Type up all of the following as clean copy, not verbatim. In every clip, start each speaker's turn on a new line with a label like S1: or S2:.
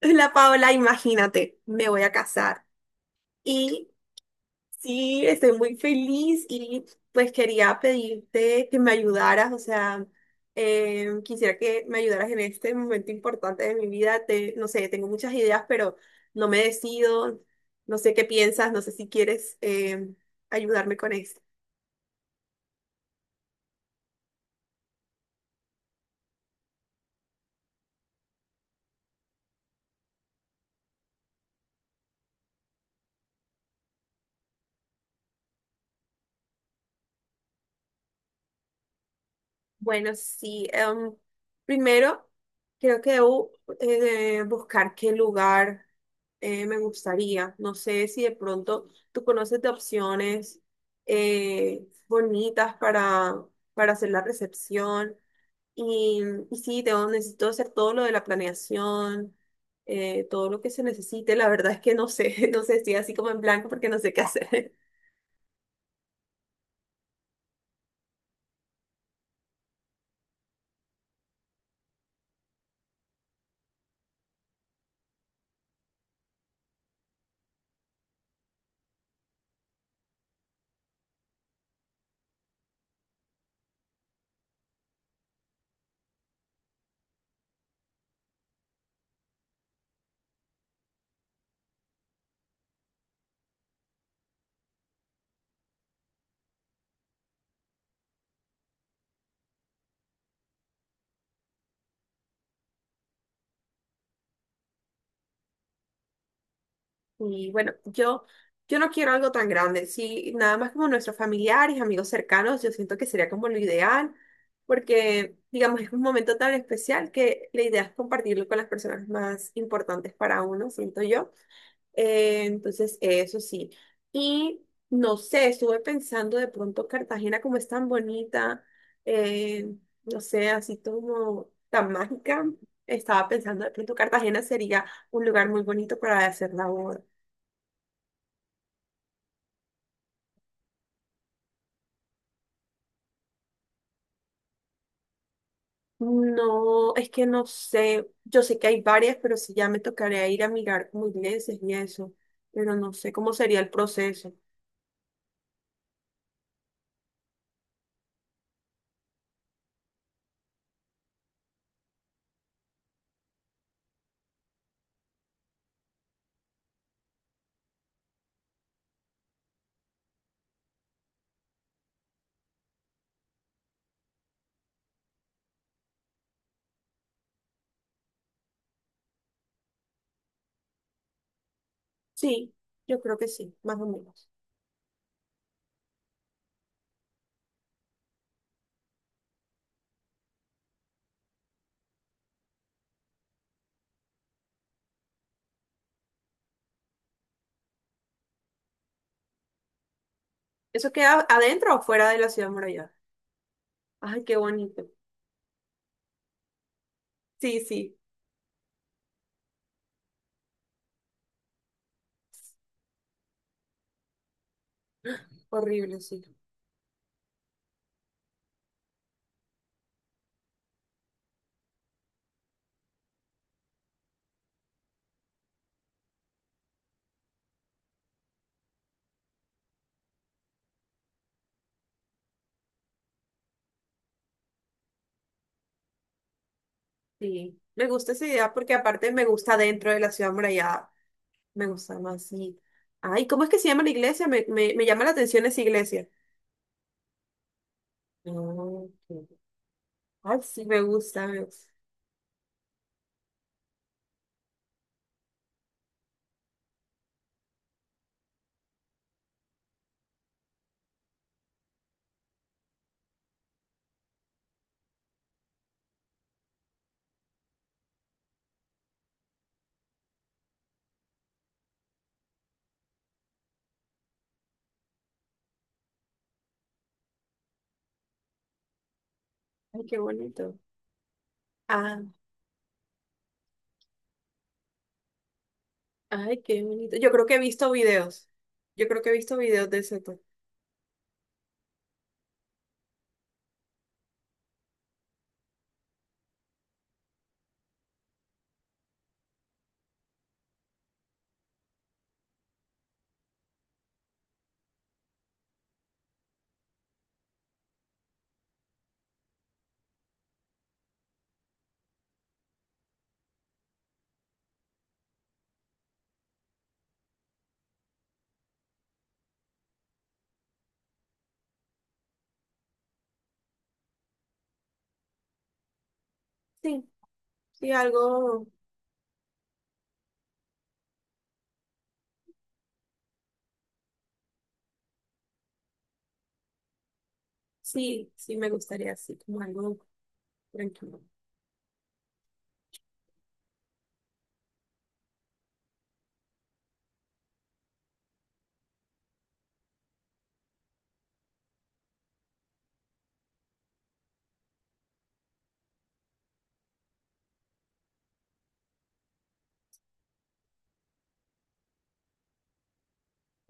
S1: La Paola, imagínate, me voy a casar. Y sí, estoy muy feliz y pues quería pedirte que me ayudaras, o sea, quisiera que me ayudaras en este momento importante de mi vida. Te, no sé, tengo muchas ideas, pero no me decido, no sé qué piensas, no sé si quieres ayudarme con esto. Bueno, sí. Primero, creo que debo buscar qué lugar me gustaría. No sé si de pronto tú conoces de opciones bonitas para hacer la recepción. Y, y sí, tengo, necesito hacer todo lo de la planeación, todo lo que se necesite. La verdad es que no sé, no sé, estoy así como en blanco porque no sé qué hacer. Y bueno, yo no quiero algo tan grande, sí, nada más como nuestros familiares, amigos cercanos, yo siento que sería como lo ideal, porque digamos es un momento tan especial que la idea es compartirlo con las personas más importantes para uno, siento yo. Entonces, eso sí. Y no sé, estuve pensando de pronto Cartagena como es tan bonita, eh, no sé, así como tan mágica, estaba pensando de pronto Cartagena sería un lugar muy bonito para hacer la boda. No, es que no sé. Yo sé que hay varias, pero sí ya me tocaría ir a mirar como iglesias y eso. Pero no sé cómo sería el proceso. Sí, yo creo que sí, más o menos. ¿Eso queda adentro o fuera de la ciudad muralla? Ay, qué bonito. Sí, sí, horrible, sí. Sí, me gusta esa idea porque aparte me gusta dentro de la ciudad muralla. Me gusta más, sí. Ay, ¿cómo es que se llama la iglesia? Me llama la atención esa iglesia. Ah, ok. Ay, sí, me gusta. Me gusta. Ay, qué bonito. Ah. Ay, qué bonito. Yo creo que he visto videos. Yo creo que he visto videos de ese tour. Sí, sí, algo, sí, sí me gustaría así, como algo tranquilo.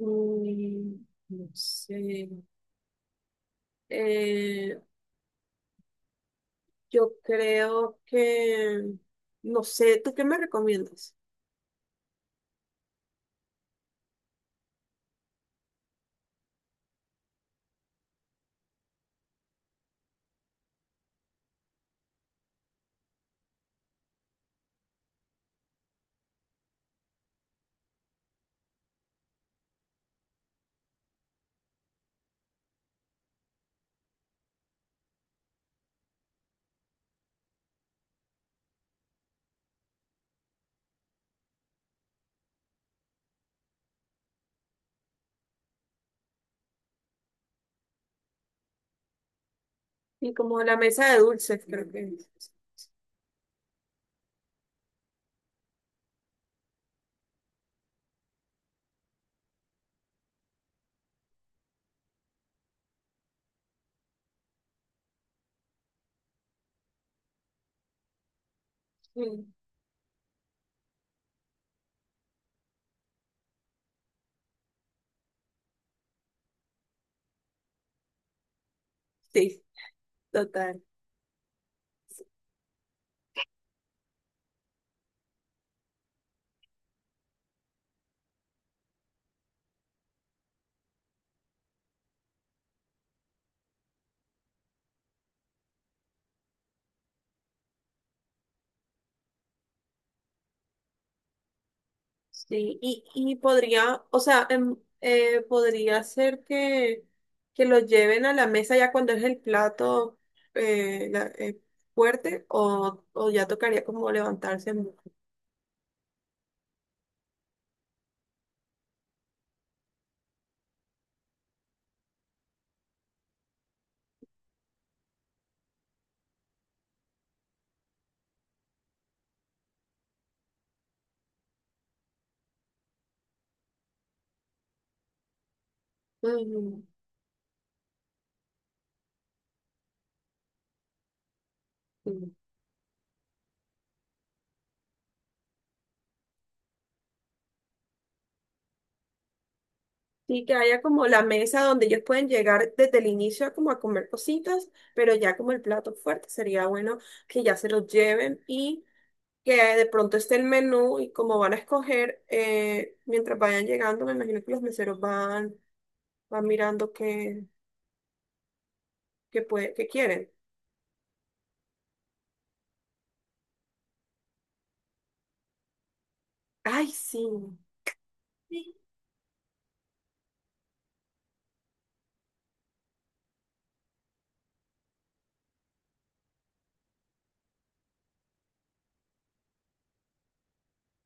S1: Mm, no sé. Eh, yo creo que, no sé, ¿tú qué me recomiendas? Y como la mesa de dulces, creo que es. Sí, sí, total. Sí, y podría, o sea, podría ser que lo lleven a la mesa ya cuando es el plato eh, la- eh, fuerte o ya tocaría como levantarse. En- mm, sí. Sí, que haya como la mesa donde ellos pueden llegar desde el inicio como a comer cositas, pero ya como el plato fuerte sería bueno que ya se los lleven y que de pronto esté el menú y como van a escoger, mientras vayan llegando, me imagino que los meseros van van mirando qué, qué, puede, qué quieren. Ay, sí. Sí.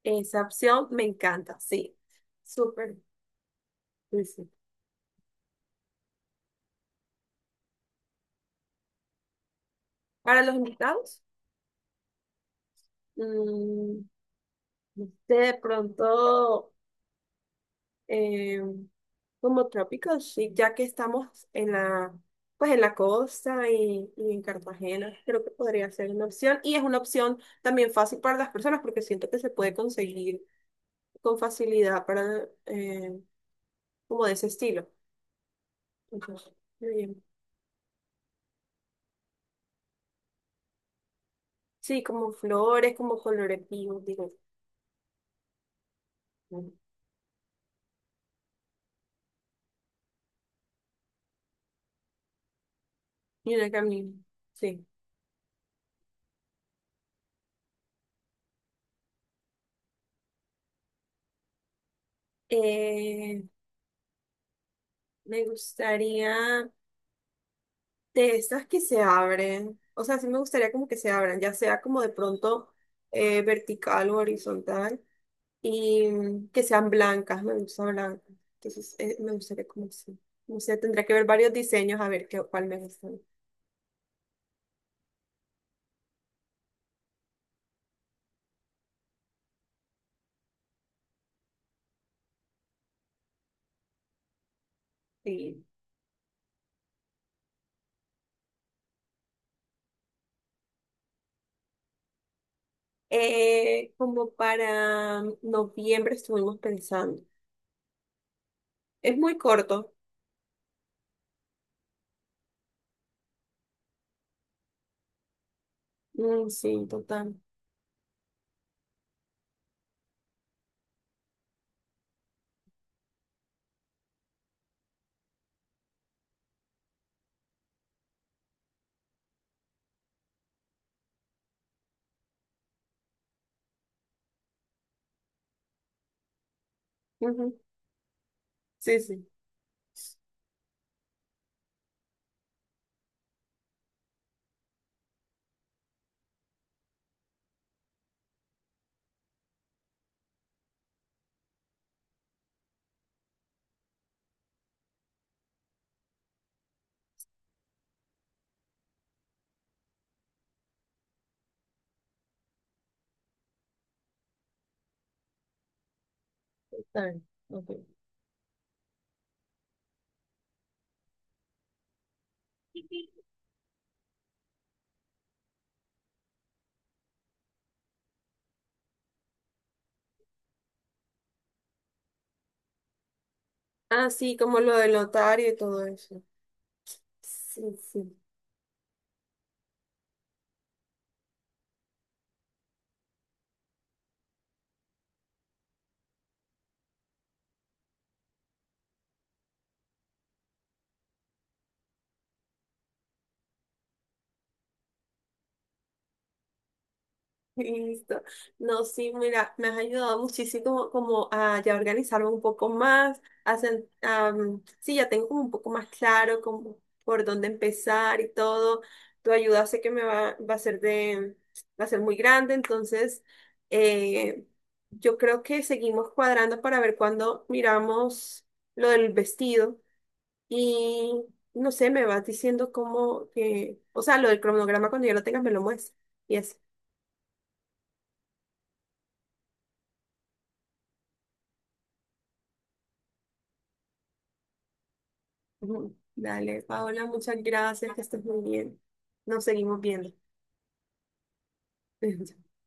S1: Esa opción me encanta, sí. Súper. Sí, sí. Para los invitados, mm, no sé, de pronto, eh, como tropical chic, ya que estamos en la, pues en la costa y en Cartagena, creo que podría ser una opción. Y es una opción también fácil para las personas porque siento que se puede conseguir con facilidad para, como de ese estilo. Entonces, muy bien. Sí, como flores, como colores vivos, digo. Y una camino. Sí. Eh, Me gustaría de esas que se abren. O sea, sí me gustaría como que se abran, ya sea como de pronto vertical o horizontal. Y mm, que sean blancas, me gusta blancas. Entonces, me gustaría como así. No sé, tendría que ver varios diseños a ver qué, cuál me gusta. Sí. Como para noviembre estuvimos pensando. Es muy corto. Mm, sí, total. Ujú. Sí, sí. Total bien. Ok. Ah, sí, como lo del notario y todo eso. Sí, sí. Listo. No, sí, mira, me has ayudado muchísimo como a ya organizarme un poco más, a sen- sí, ya tengo como un poco más claro como por dónde empezar y todo. Tu ayuda sé que me va, va a ser de, va a ser muy grande, entonces eh, yo creo que seguimos cuadrando para ver cuándo miramos lo del vestido y no sé, me vas diciendo cómo que, o sea, lo del cronograma cuando yo lo tenga me lo muestras. Y así. Ujú. Dale, Paola, muchas gracias, que estés muy bien. Nos seguimos viendo.